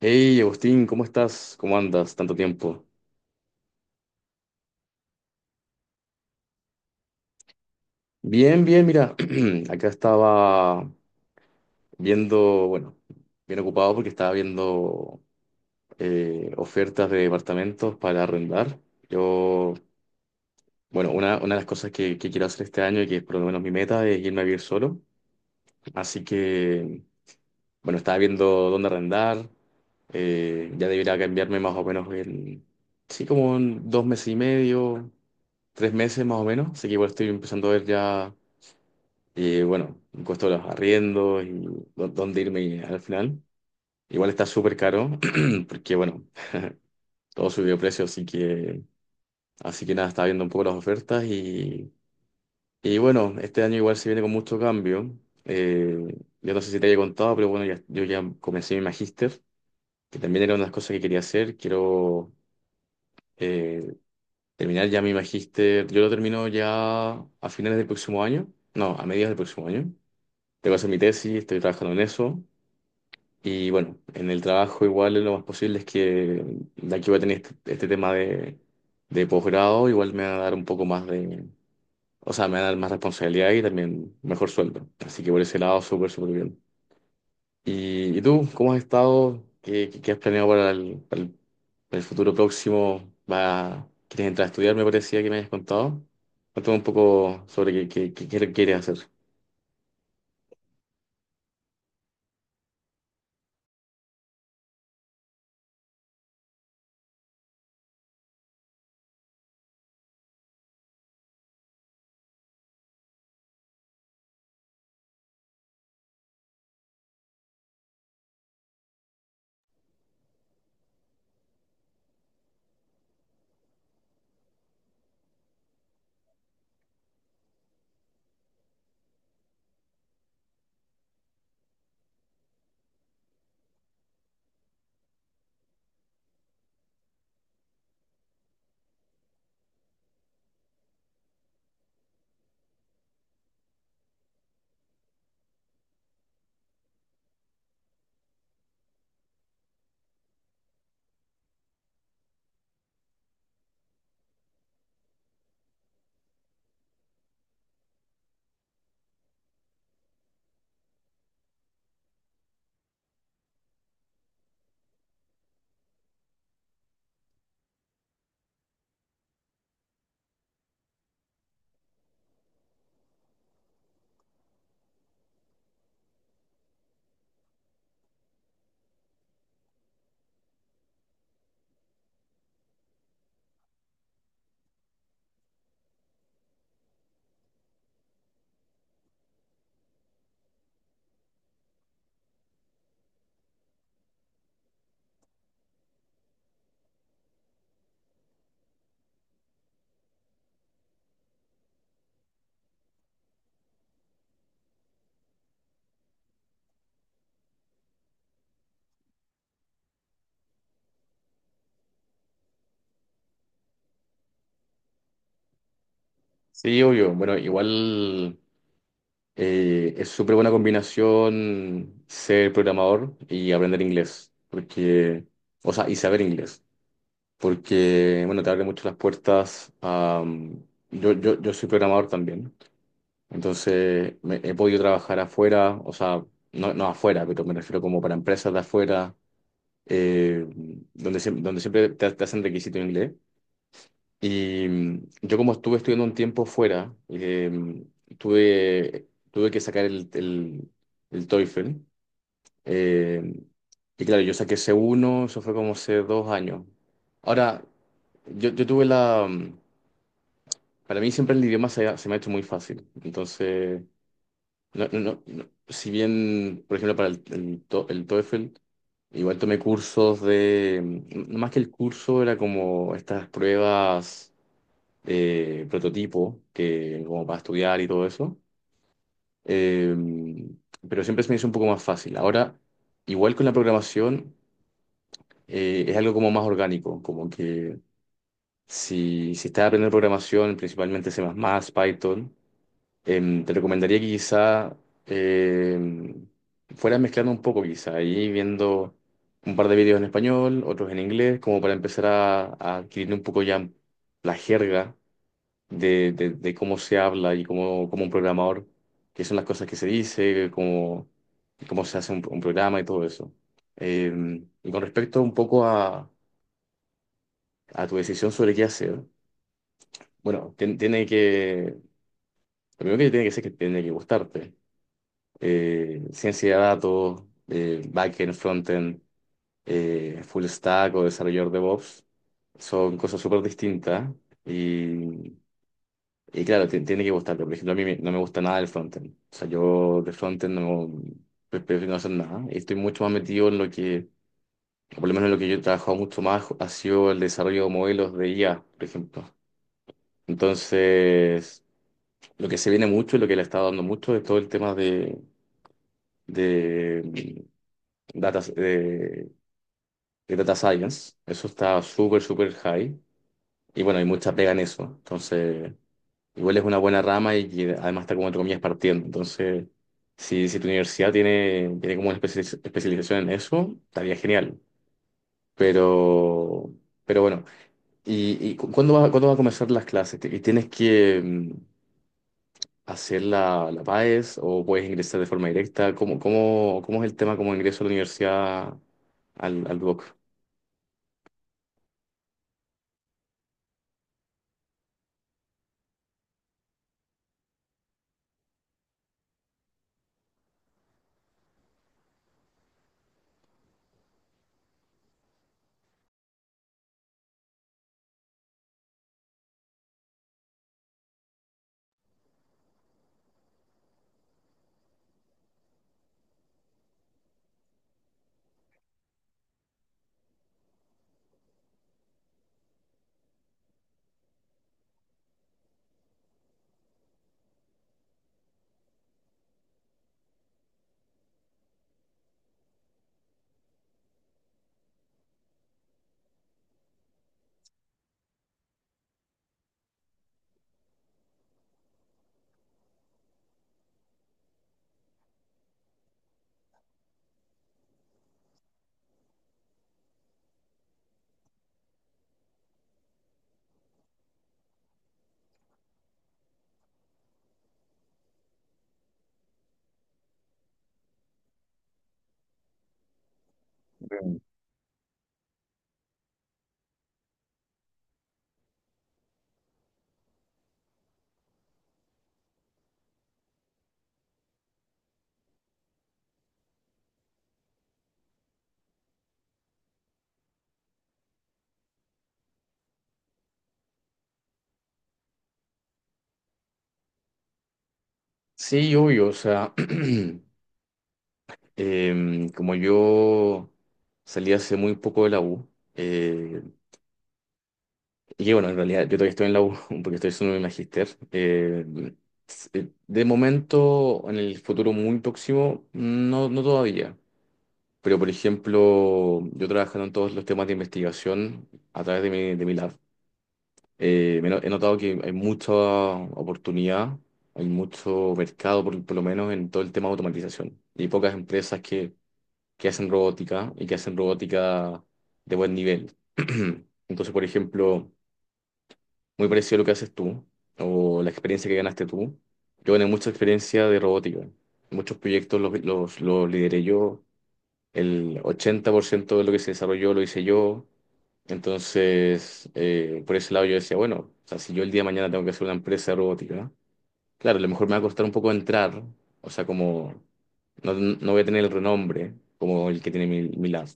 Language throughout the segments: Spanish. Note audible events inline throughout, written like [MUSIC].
Hey, Agustín, ¿cómo estás? ¿Cómo andas? Tanto tiempo. Bien, bien, mira, [CLEARS THROAT] acá estaba viendo, bueno, bien ocupado porque estaba viendo ofertas de departamentos para arrendar. Yo, bueno, una de las cosas que quiero hacer este año y que es por lo menos mi meta es irme a vivir solo. Así que, bueno, estaba viendo dónde arrendar. Ya debería cambiarme más o menos en, sí, como en 2 meses y medio, 3 meses más o menos. Así que igual estoy empezando a ver ya. Y bueno, el costo de los arriendos y dónde irme al final. Igual está súper caro, [CLEARS THROAT] porque bueno, todo subió de precio, así que nada, estaba viendo un poco las ofertas, y bueno, este año igual se viene con mucho cambio. Eh, yo no sé si te había contado, pero bueno, yo ya comencé mi magíster, que también era una de las cosas que quería hacer. Quiero eh, terminar ya mi magíster. Yo lo termino ya a finales del próximo año, no, a mediados del próximo año. Tengo que hacer mi tesis, estoy trabajando en eso. Y bueno, en el trabajo igual lo más posible es que, ya que voy a tener este, este tema de posgrado, igual me va a dar un poco más de, o sea, me va a dar más responsabilidad y también mejor sueldo. Así que por ese lado, súper, súper bien. ¿Y tú, ¿cómo has estado? ¿Qué has planeado para el futuro próximo? ¿ Quieres entrar a estudiar? Me parecía que me habías contado. Cuéntame un poco sobre qué quieres hacer. Sí, obvio. Bueno, igual, es súper buena combinación ser programador y aprender inglés, porque, o sea, y saber inglés, porque, bueno, te abre mucho las puertas yo soy programador también, entonces he podido trabajar afuera, o sea, no, no afuera, pero me refiero como para empresas de afuera, eh, donde, siempre te hacen requisito en inglés. Y yo como estuve estudiando un tiempo fuera, tuve que sacar el TOEFL. eh, y claro, yo saqué C1. Eso fue como hace 2 años. Ahora, yo tuve para mí siempre el idioma se me ha hecho muy fácil. Entonces, no, si bien, por ejemplo, para el TOEFL, igual tomé cursos no, más que el curso, era como estas pruebas prototipo, que, como para estudiar y todo eso. Eh, pero siempre se me hizo un poco más fácil. Ahora, igual con la programación, es algo como más orgánico, como que si estás aprendiendo programación, principalmente C++, Python, te recomendaría que quizá em, fueras mezclando un poco, quizá, ahí viendo un par de vídeos en español, otros en inglés, como para empezar a, adquirir un poco ya la jerga de, de cómo se habla y cómo un programador, qué son las cosas que se dice, cómo se hace un programa y todo eso. Eh, y con respecto un poco a, tu decisión sobre qué hacer, bueno, lo primero que tiene que ser que tiene que gustarte. Ciencia de datos, backend, frontend, full stack o desarrollador DevOps, son cosas súper distintas. Y Y claro, tiene que gustarte. Por ejemplo, a mí no me gusta nada el frontend. O sea, yo de frontend no prefiero no hacer nada. Y estoy mucho más metido en lo que, o por lo menos en lo que yo he trabajado mucho más, ha sido el desarrollo de modelos de IA, por ejemplo. Entonces, lo que se viene mucho y lo que le está dando mucho es todo el tema de, mm, data, de data science. Eso está súper, súper high. Y bueno, hay mucha pega en eso. Entonces, igual es una buena rama y que además está como entre comillas partiendo. Entonces, si tu universidad tiene, como una especialización en eso, estaría genial. Pero, bueno, ¿y cuándo va a comenzar las clases? ¿Tienes que hacer la PAES o puedes ingresar de forma directa? ¿Cómo es el tema como ingreso a la universidad al BUOC? Mm. Sí, obvio, o sea, [CLEARS THROAT] como yo salí hace muy poco de la U. Y que bueno, en realidad yo todavía estoy en la U [LAUGHS] porque estoy haciendo mi magíster. De momento, en el futuro muy próximo, no, todavía. Pero por ejemplo, yo trabajando en todos los temas de investigación a través de mi lab, me no- he notado que hay mucha oportunidad, hay mucho mercado, por lo menos en todo el tema de automatización. Y hay pocas empresas que, hacen robótica y que hacen robótica de buen nivel. [CLEARS THROAT] Entonces, por ejemplo muy parecido a lo que haces tú o la experiencia que ganaste tú. Yo gané mucha experiencia de robótica. Muchos proyectos los lideré yo. El 80% de lo que se desarrolló lo hice yo. Entonces, por ese lado yo decía, bueno, o sea, si yo el día de mañana tengo que hacer una empresa de robótica, claro, a lo mejor me va a costar un poco entrar, o sea, como no, voy a tener el renombre como el que tiene mi lab,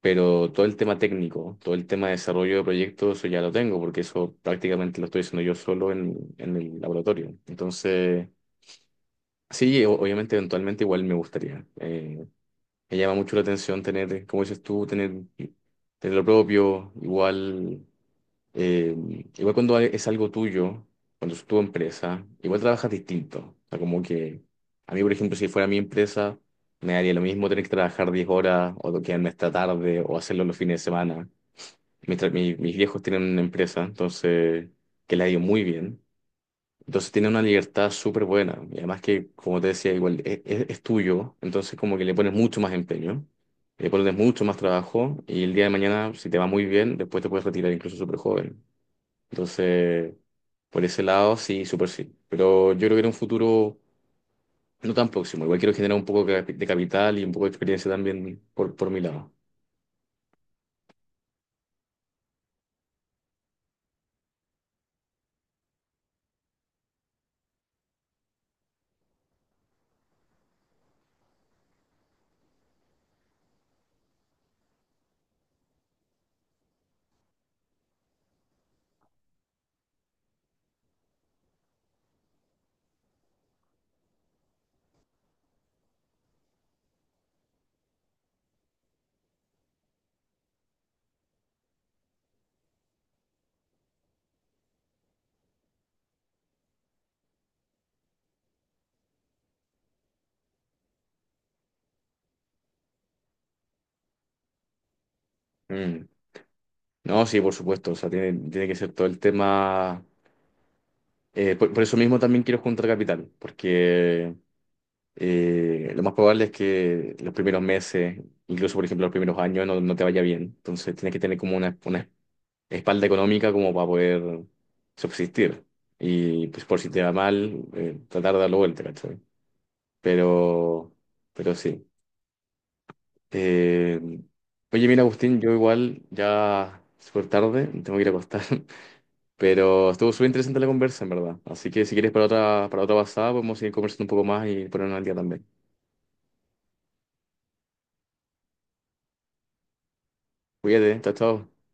pero todo el tema técnico, todo el tema de desarrollo de proyectos, eso ya lo tengo, porque eso prácticamente lo estoy haciendo yo solo en, el laboratorio. Entonces, sí, obviamente eventualmente igual me gustaría. Me llama mucho la atención tener, como dices tú, tener lo propio, igual, eh, igual cuando es algo tuyo, cuando es tu empresa, igual trabajas distinto. O sea, como que a mí, por ejemplo, si fuera mi empresa, me daría lo mismo tener que trabajar 10 horas o quedarme esta tarde o hacerlo los fines de semana. Mis viejos tienen una empresa, entonces, que le ha ido muy bien. Entonces tiene una libertad súper buena. Y además que, como te decía, igual es tuyo, entonces como que le pones mucho más empeño, le pones mucho más trabajo y el día de mañana, si te va muy bien, después te puedes retirar incluso súper joven. Entonces, por ese lado, sí, súper sí. Pero yo creo que en un futuro no tan próximo, igual quiero generar un poco de capital y un poco de experiencia también por mi lado. Mm. No, sí, por supuesto, o sea, tiene, que ser todo el tema. Por, eso mismo también quiero juntar capital, porque lo más probable es que los primeros meses, incluso por ejemplo los primeros años, no, te vaya bien. Entonces tienes que tener como una, espalda económica como para poder subsistir. Y pues por si te va mal, tratar de darlo vuelta, ¿cachai? Pero, sí. Eh, Oye, mira, Agustín, yo igual ya súper tarde, me tengo que ir a acostar. [LAUGHS] Pero estuvo súper interesante la conversa, en verdad. Así que si quieres para otra, pasada, podemos seguir conversando un poco más y ponernos al día también. Cuídate, chao, chao.